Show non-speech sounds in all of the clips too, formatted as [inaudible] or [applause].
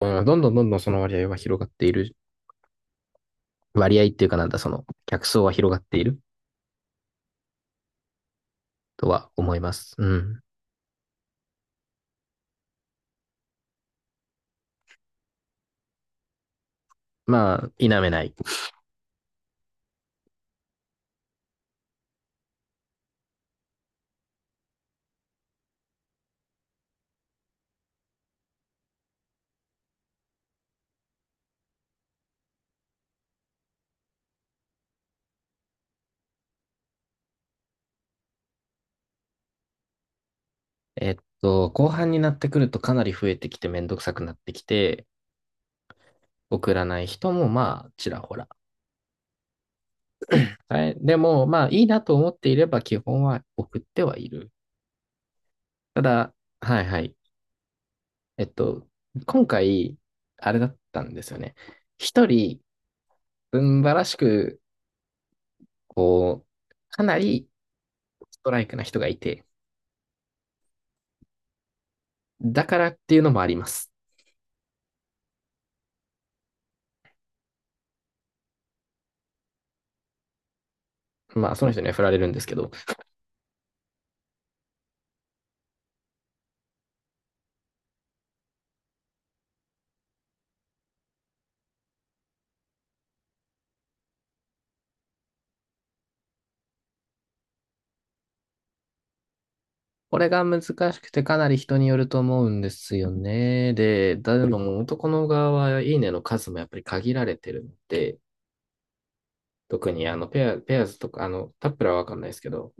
うんどんどんどんどんその割合は広がっている。割合っていうかなんだ、その客層は広がっているとは思います。うん。まあ、否めない。えっ後半になってくるとかなり増えてきてめんどくさくなってきて、送らない人もまあ、ちらほら。はい。でも、まあ、いいなと思っていれば基本は送ってはいる。ただ、はいはい。えっと、今回、あれだったんですよね。一人、うんばらしく、こう、かなりストライクな人がいて、だからっていうのもあります。まあ、その人には振られるんですけど、これが難しくてかなり人によると思うんですよね。で、だでも男の側はいいねの数もやっぱり限られてるので、特にペアーズとか、あの、タップラはわかんないですけど、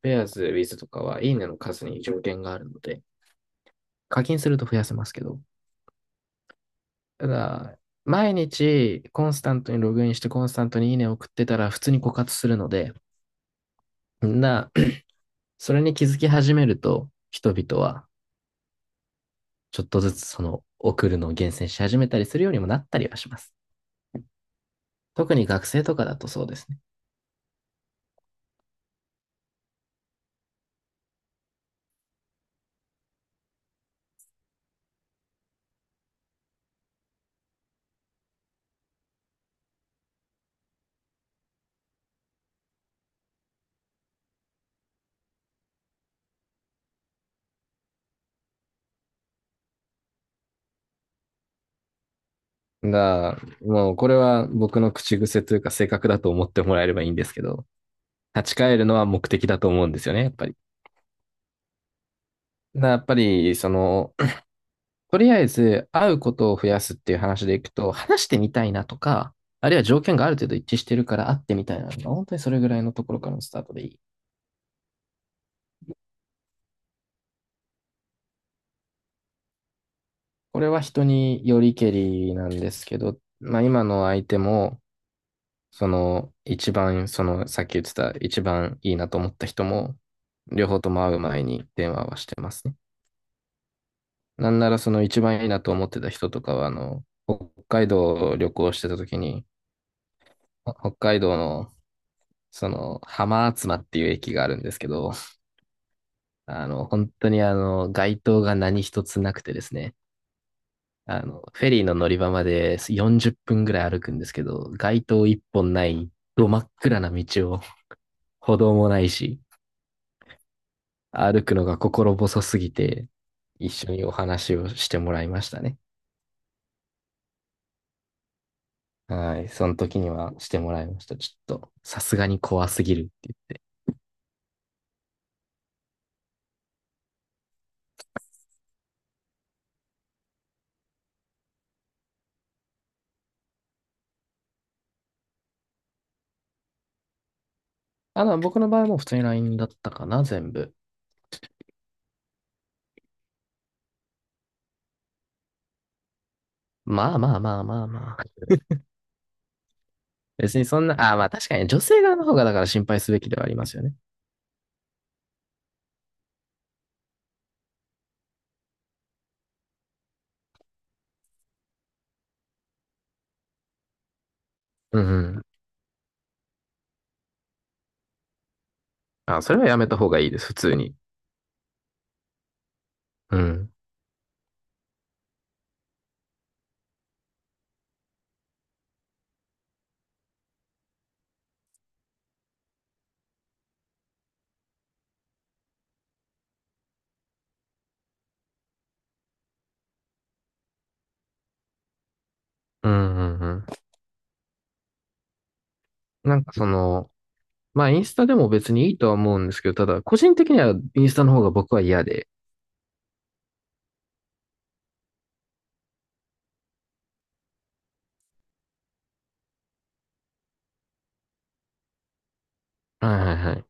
ペアーズ、ウィズとかはいいねの数に条件があるので、課金すると増やせますけど、ただ、毎日コンスタントにログインしてコンスタントにいいねを送ってたら普通に枯渇するので、な、それに気づき始めると、人々はちょっとずつその送るのを厳選し始めたりするようにもなったりはします。特に学生とかだとそうですね。が、もうこれは僕の口癖というか性格だと思ってもらえればいいんですけど、立ち返るのは目的だと思うんですよね、やっぱり。だやっぱり、その、とりあえず会うことを増やすっていう話でいくと、話してみたいなとか、あるいは条件がある程度一致してるから会ってみたいなのが、本当にそれぐらいのところからのスタートでいい。これは人によりけりなんですけど、まあ今の相手も、その、一番、その、さっき言ってた、一番いいなと思った人も、両方とも会う前に電話はしてますね。なんなら、その一番いいなと思ってた人とかは、あの、北海道を旅行してた時に、北海道の、その、浜厚間っていう駅があるんですけど、あの、本当に街灯が何一つなくてですね、あの、フェリーの乗り場まで40分ぐらい歩くんですけど、街灯一本ない、ど真っ暗な道を、歩道もないし、歩くのが心細すぎて、一緒にお話をしてもらいましたね。はい。その時にはしてもらいました。ちょっと、さすがに怖すぎるって言って。あの、僕の場合も普通に LINE だったかな、全部。まあまあまあまあまあ。別にそんな、ああまあ確かにね女性側の方がだから心配すべきではありますよね。うんうん。あ、それはやめた方がいいです、普通に。うん。うんうんうん。なんかその、まあインスタでも別にいいとは思うんですけど、ただ個人的にはインスタの方が僕は嫌で。はいはいはい。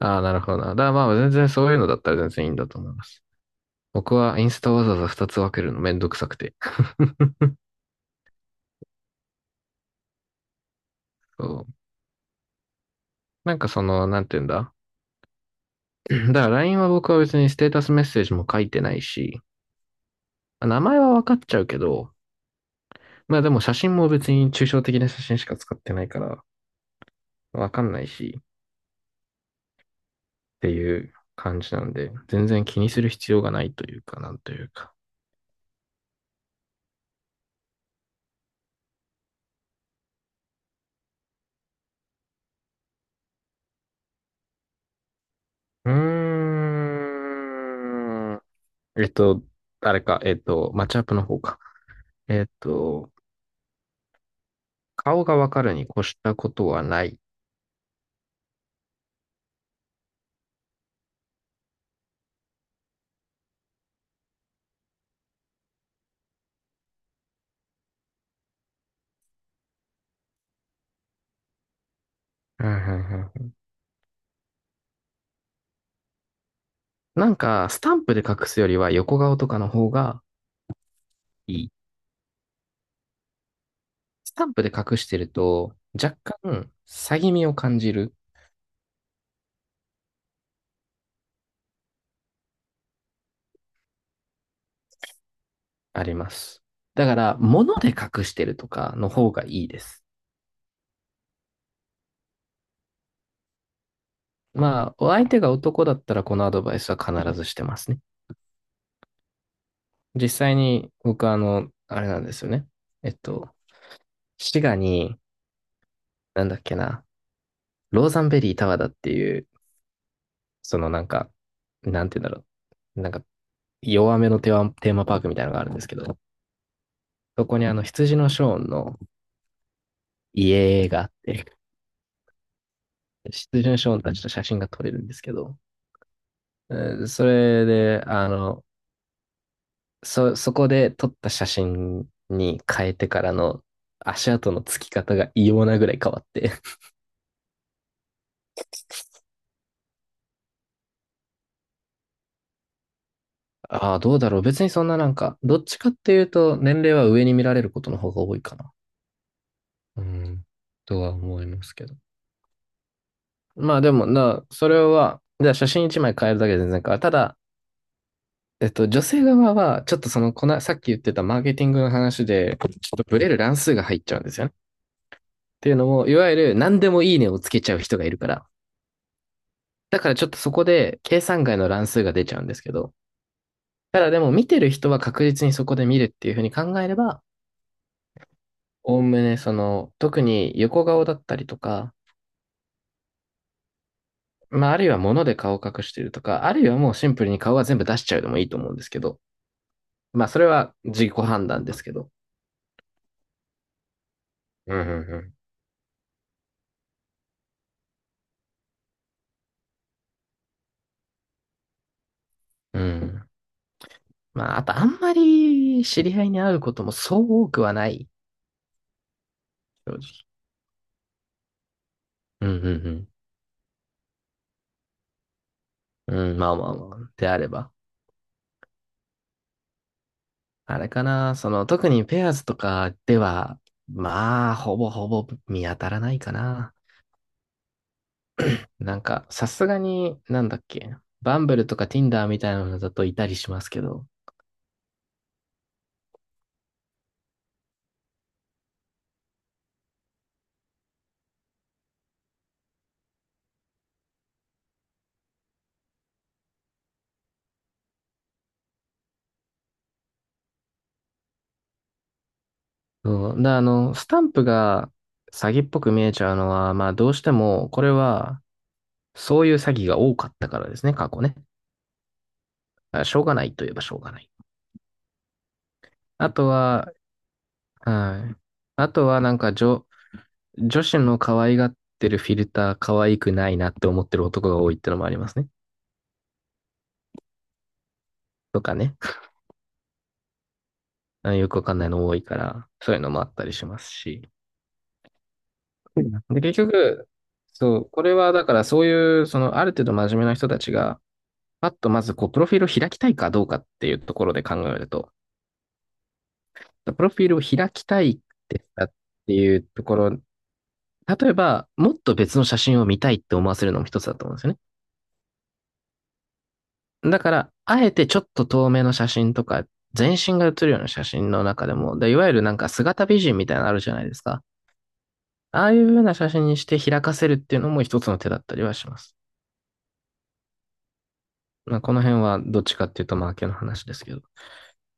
ああ、なるほどな。だからまあ全然そういうのだったら全然いいんだと思います。僕はインスタわざわざ2つ分けるのめんどくさくて。[laughs] そう。なんかその、なんて言うんだ。[clears throat] だから LINE は僕は別にステータスメッセージも書いてないし、名前は分かっちゃうけど、まあでも写真も別に抽象的な写真しか使ってないから分かんないしっていう感じなんで、全然気にする必要がないというか、なんというか。うーん。えっと、あれか、マッチアップの方か。えっと、顔がわかるに越したことはない。うんうんうん。なんか、スタンプで隠すよりは横顔とかの方がいい。スタンプで隠してると、若干、詐欺味を感じる、あります。だから、物で隠してるとかの方がいいです。まあ、お相手が男だったらこのアドバイスは必ずしてますね。実際に、僕あの、あれなんですよね。えっと、滋賀に、なんだっけな、ローザンベリータワーだっていう、そのなんか、なんて言うんだろう。なんか弱めのテーマパークみたいなのがあるんですけど、そこにあの羊のショーンの家があって、羊のショーンたちと写真が撮れるんですけど、それで、あの、そこで撮った写真に変えてからの足跡のつき方が異様なぐらい変わって [laughs] ああ、どうだろう。別にそんななんか、どっちかっていうと年齢は上に見られることの方が多いかな。うん、とは思いますけど。まあでもな、それは、じゃあ写真一枚変えるだけで全然変わる。ただ、女性側は、ちょっとその、さっき言ってたマーケティングの話で、ちょっとブレる乱数が入っちゃうんですよね。っていうのも、いわゆる何でもいいねをつけちゃう人がいるから。だからちょっとそこで計算外の乱数が出ちゃうんですけど、ただでも見てる人は確実にそこで見るっていうふうに考えれば、おおむねその、特に横顔だったりとか、まあ、あるいは物で顔を隠してるとか、あるいはもうシンプルに顔は全部出しちゃうでもいいと思うんですけど、まあ、それは自己判断ですけど。うんうんうん。うん。まあ、あとあんまり知り合いに会うこともそう多くはない。正直。うんうんうん。うん、まあまあまあ。であれば。あれかな、その、特にペアーズとかでは、まあ、ほぼほぼ見当たらないかな。なんか、さすがに、なんだっけ、バンブルとか Tinder みたいなのだといたりしますけど。うん。で、あの、スタンプが詐欺っぽく見えちゃうのは、まあ、どうしても、これは、そういう詐欺が多かったからですね、過去ね。だからしょうがないといえばしょうがない。あとは、はい。あとはなんか女子の可愛がってるフィルター可愛くないなって思ってる男が多いってのもありますね。とかね。あよくわかんないの多いから、そういうのもあったりしますし。で、結局、そう、これはだからそういう、そのある程度真面目な人たちが、パッとまずこう、プロフィールを開きたいかどうかっていうところで考えると、プロフィールを開きたいってしたっていうところ、例えば、もっと別の写真を見たいって思わせるのも一つだと思うんですよね。だから、あえてちょっと遠目の写真とか、全身が写るような写真の中でも、で、いわゆるなんか姿美人みたいなのあるじゃないですか。ああいう風な写真にして開かせるっていうのも一つの手だったりはします。まあ、この辺はどっちかっていうと、マーケの話ですけど。